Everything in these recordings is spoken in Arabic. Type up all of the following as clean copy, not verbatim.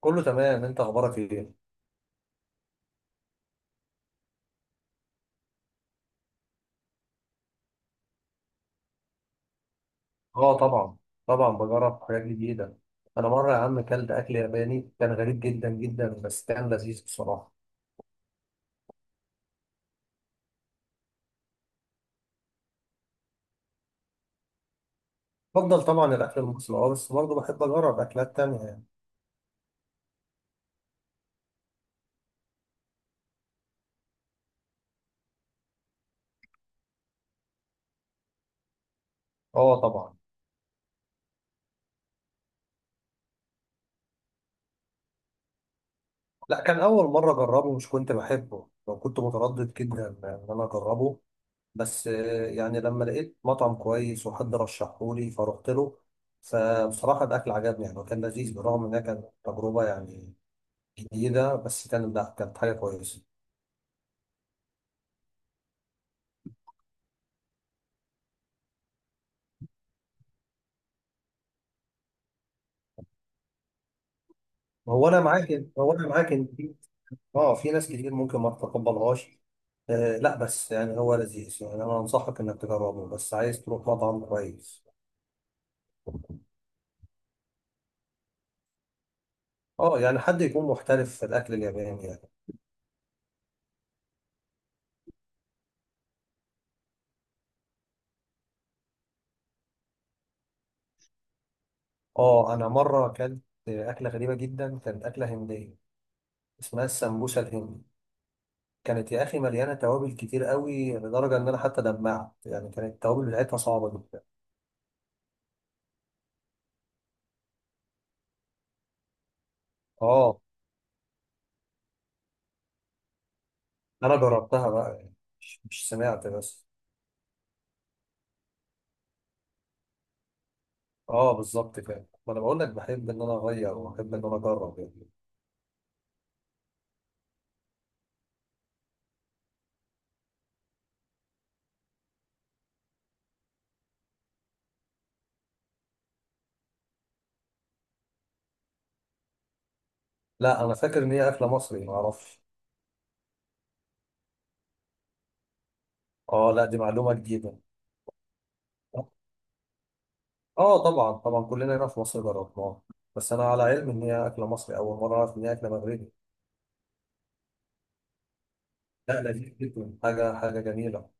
كله تمام، انت اخبارك ايه؟ اه طبعا. بجرب حاجات جديده. انا مره يا عم كلت اكل ياباني، كان غريب جدا جدا بس كان لذيذ بصراحه. بفضل طبعا الاكل المصري، اه بس برضه بحب اجرب اكلات تانية يعني. اه طبعا. لا، كان اول مره اجربه، مش كنت بحبه، لو كنت متردد جدا ان انا اجربه، بس يعني لما لقيت مطعم كويس وحد رشحهولي فروحت له. فبصراحه الاكل عجبني يعني، وكان لذيذ بالرغم انها كانت تجربه يعني جديده، بس كان لا، كانت حاجه كويسه. ما هو انا معاك ان في اه في ناس كتير ممكن ما تتقبلهاش. آه لا، بس يعني هو لذيذ يعني، انا انصحك انك تجربه، بس عايز تروح مطعم كويس. اه، يعني حد يكون محترف في الاكل الياباني يعني. اه انا مره اكلت اكله غريبه جدا، كانت اكله هنديه اسمها السمبوسه الهندي. كانت يا اخي مليانه توابل كتير قوي، لدرجه ان انا حتى دمعت يعني، كانت التوابل بتاعتها صعبه جدا. اه انا جربتها بقى يعني، مش سمعت بس. اه بالظبط كده، ما انا بقول لك بحب ان انا اغير وبحب ان انا اجرب يعني. لا انا فاكر ان هي اكله مصري، ما اعرفش. اه لا، دي معلومه جديده. اه طبعا طبعا، كلنا هنا في مصر جربناها، بس انا على علم ان هي اكله مصري، اول مره اعرف ان هي اكله مغربي. لا، لذيذ جدا، حاجه حاجه جميله.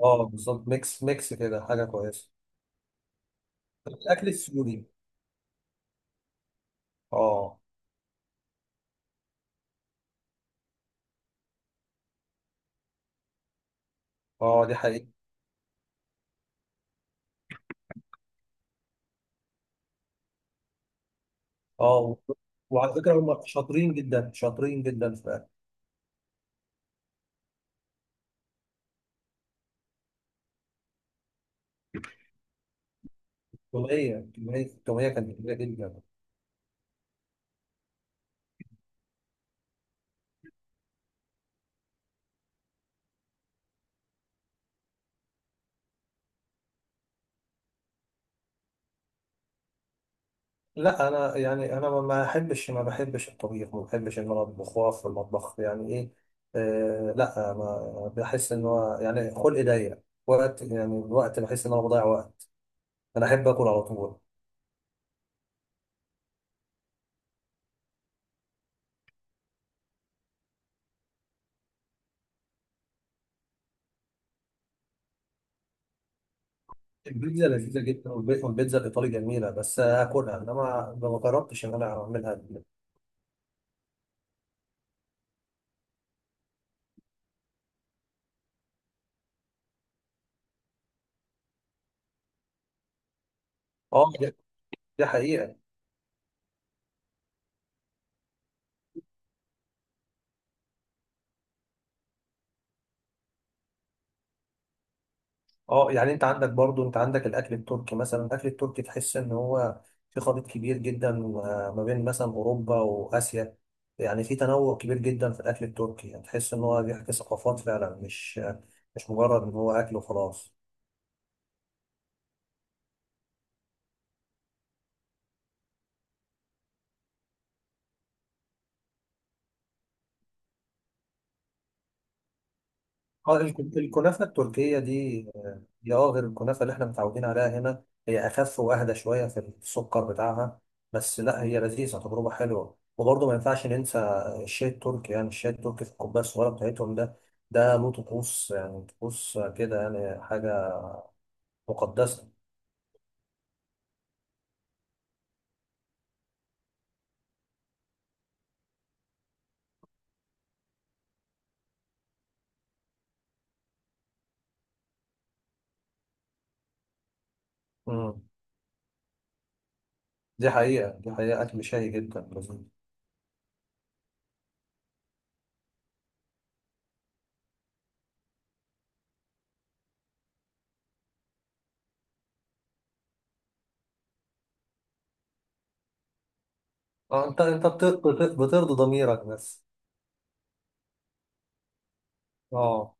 اه بالظبط، ميكس ميكس كده، حاجه كويسه. الاكل السوري. اه. اه دي حقيقه. اه و- وعلى فكره هم شاطرين جدا شاطرين جدا في الاكل. التوميه التومية كانت كبيره جدا. لا انا يعني، انا ما احبش ما بحبش الطبيخ، ما بحبش ان انا اطبخ واقف في المطبخ يعني ايه. آه لا، ما بحس ان هو يعني خلقي ضيق وقت، يعني الوقت بحس ان انا بضيع وقت. انا احب اكل على طول. البيتزا لذيذه جدا، والبيتزا الايطالي جميله بس اكلها، انما ما جربتش ان انا اعملها. اه دي حقيقه. اه يعني انت عندك برضو، انت عندك الاكل التركي مثلا، الاكل التركي تحس ان هو في خليط كبير جدا ما بين مثلا اوروبا واسيا. يعني في تنوع كبير جدا في الاكل التركي، يعني تحس ان هو بيحكي ثقافات فعلا، مش مجرد ان هو اكل وخلاص. اه، الكنافة التركية دي هي اه غير الكنافة اللي احنا متعودين عليها هنا، هي أخف وأهدى شوية في السكر بتاعها. بس لا، هي لذيذة، تجربة حلوة. وبرضه ما ينفعش ننسى الشاي التركي، يعني الشاي التركي في الكوباية الصغيرة بتاعتهم ده، ده له طقوس، يعني طقوس كده، يعني حاجة مقدسة. مم. دي حقيقة، دي حقيقة، أكل شهي جدا لذيذ. بترضي ضميرك بس. اه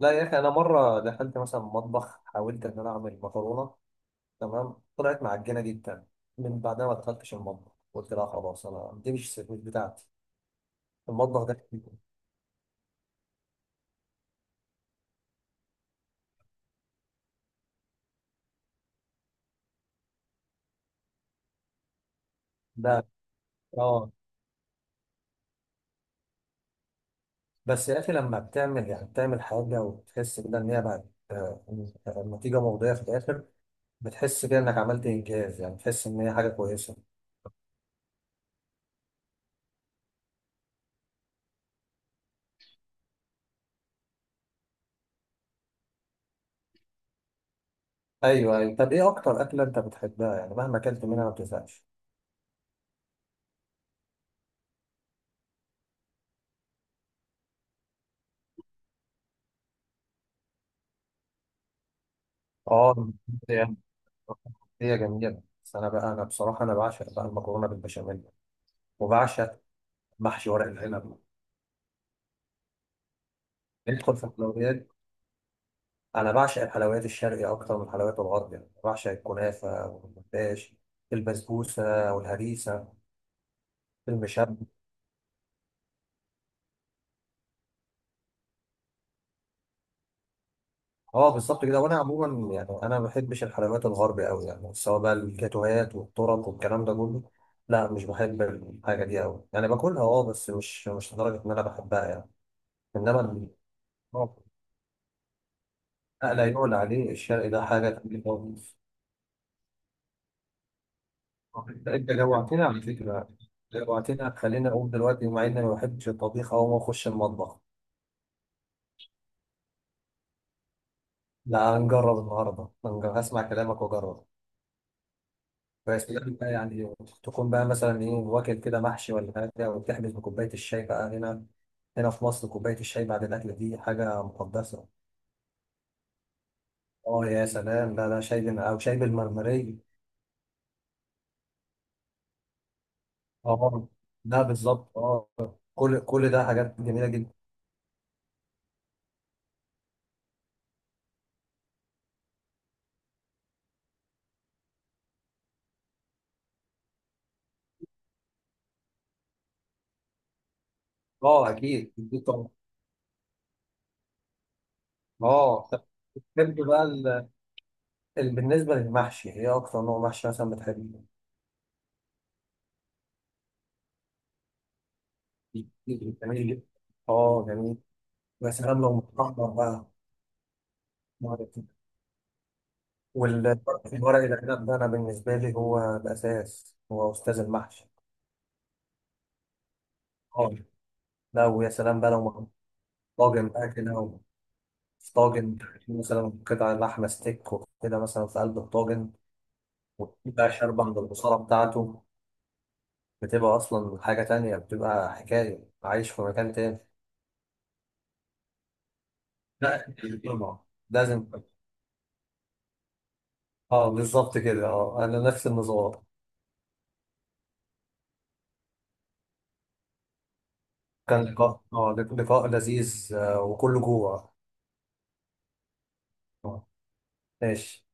لا يا اخي، انا مره دخلت مثلا مطبخ، حاولت ان انا اعمل مكرونه، تمام، طلعت معجنه جدا. من بعدها ما دخلتش المطبخ، قلت لا خلاص، انا دي مش بتاعتي، المطبخ ده كتير. ده اه بس يا اخي، لما بتعمل يعني بتعمل حاجه وتحس كده ان هي بقت، آه، النتيجه مرضيه في الاخر، بتحس كده انك عملت انجاز، يعني بتحس ان هي حاجه كويسه. ايوه ايوه. طب ايه اكتر اكله انت بتحبها، يعني مهما اكلت منها ما بتزهقش؟ اه يعني هي جميلة، بس أنا بقى، أنا بصراحة أنا بعشق بقى المكرونة بالبشاميل، وبعشق محشي ورق العنب. ندخل في الحلويات. انا بعشق الحلويات الشرقي اكتر من الحلويات الغربية، بعشق الكنافة والمفتاش، البسبوسة والهريسة، المشب. اه بالظبط كده، وانا عموما يعني انا ما بحبش الحلويات الغربي قوي يعني، سواء بقى الجاتوهات والطرق والكلام ده كله، لا مش بحب الحاجة دي قوي يعني، باكلها اه بس مش لدرجة ان انا بحبها يعني. انما ال- آه، لا يعلى عليه الشرقي، ده حاجة تقيلة خالص. انت جوعتنا على فكرة، جوعتنا، خلينا اقوم دلوقتي، مع اني ما بحبش الطبيخ او ما اخش المطبخ. لا، هنجرب النهارده، هنجرب، هسمع كلامك واجرب. بس بقى يعني تكون بقى مثلا ايه، واكل كده محشي ولا حاجه، وتحبس بكوبايه الشاي بقى. هنا، هنا في مصر، كوبايه الشاي بعد الاكل دي حاجه مقدسه. اه يا سلام، لا لا، او شاي بالمرمريه. اه لا بالظبط، اه، كل كل ده حاجات جميله جدا. اه اكيد اكيد طبعا. اه طب تحب بقى، بالنسبة للمحشي، هي أكتر نوع محشي مثلا بتحبه؟ جميل، اه جميل. يا سلام لو متحمر بقى مرة كده. وال- والورق العنب ده، أنا بالنسبة لي هو الأساس، هو أستاذ المحشي. اه لا، ويا سلام بقى لو طاجن بقى كده، أو في طاجن مثلا قطع لحمة ستيك وكده مثلا في قلب الطاجن، وبقى شاربة من البصارة بتاعته، بتبقى أصلا حاجة تانية، بتبقى حكاية، عايش في مكان تاني. لا طبعا، لازم. اه بالظبط كده، اه انا نفس النظام. كان لقاء، اه لقاء لذيذ، وكله جوه. آه، ماشي.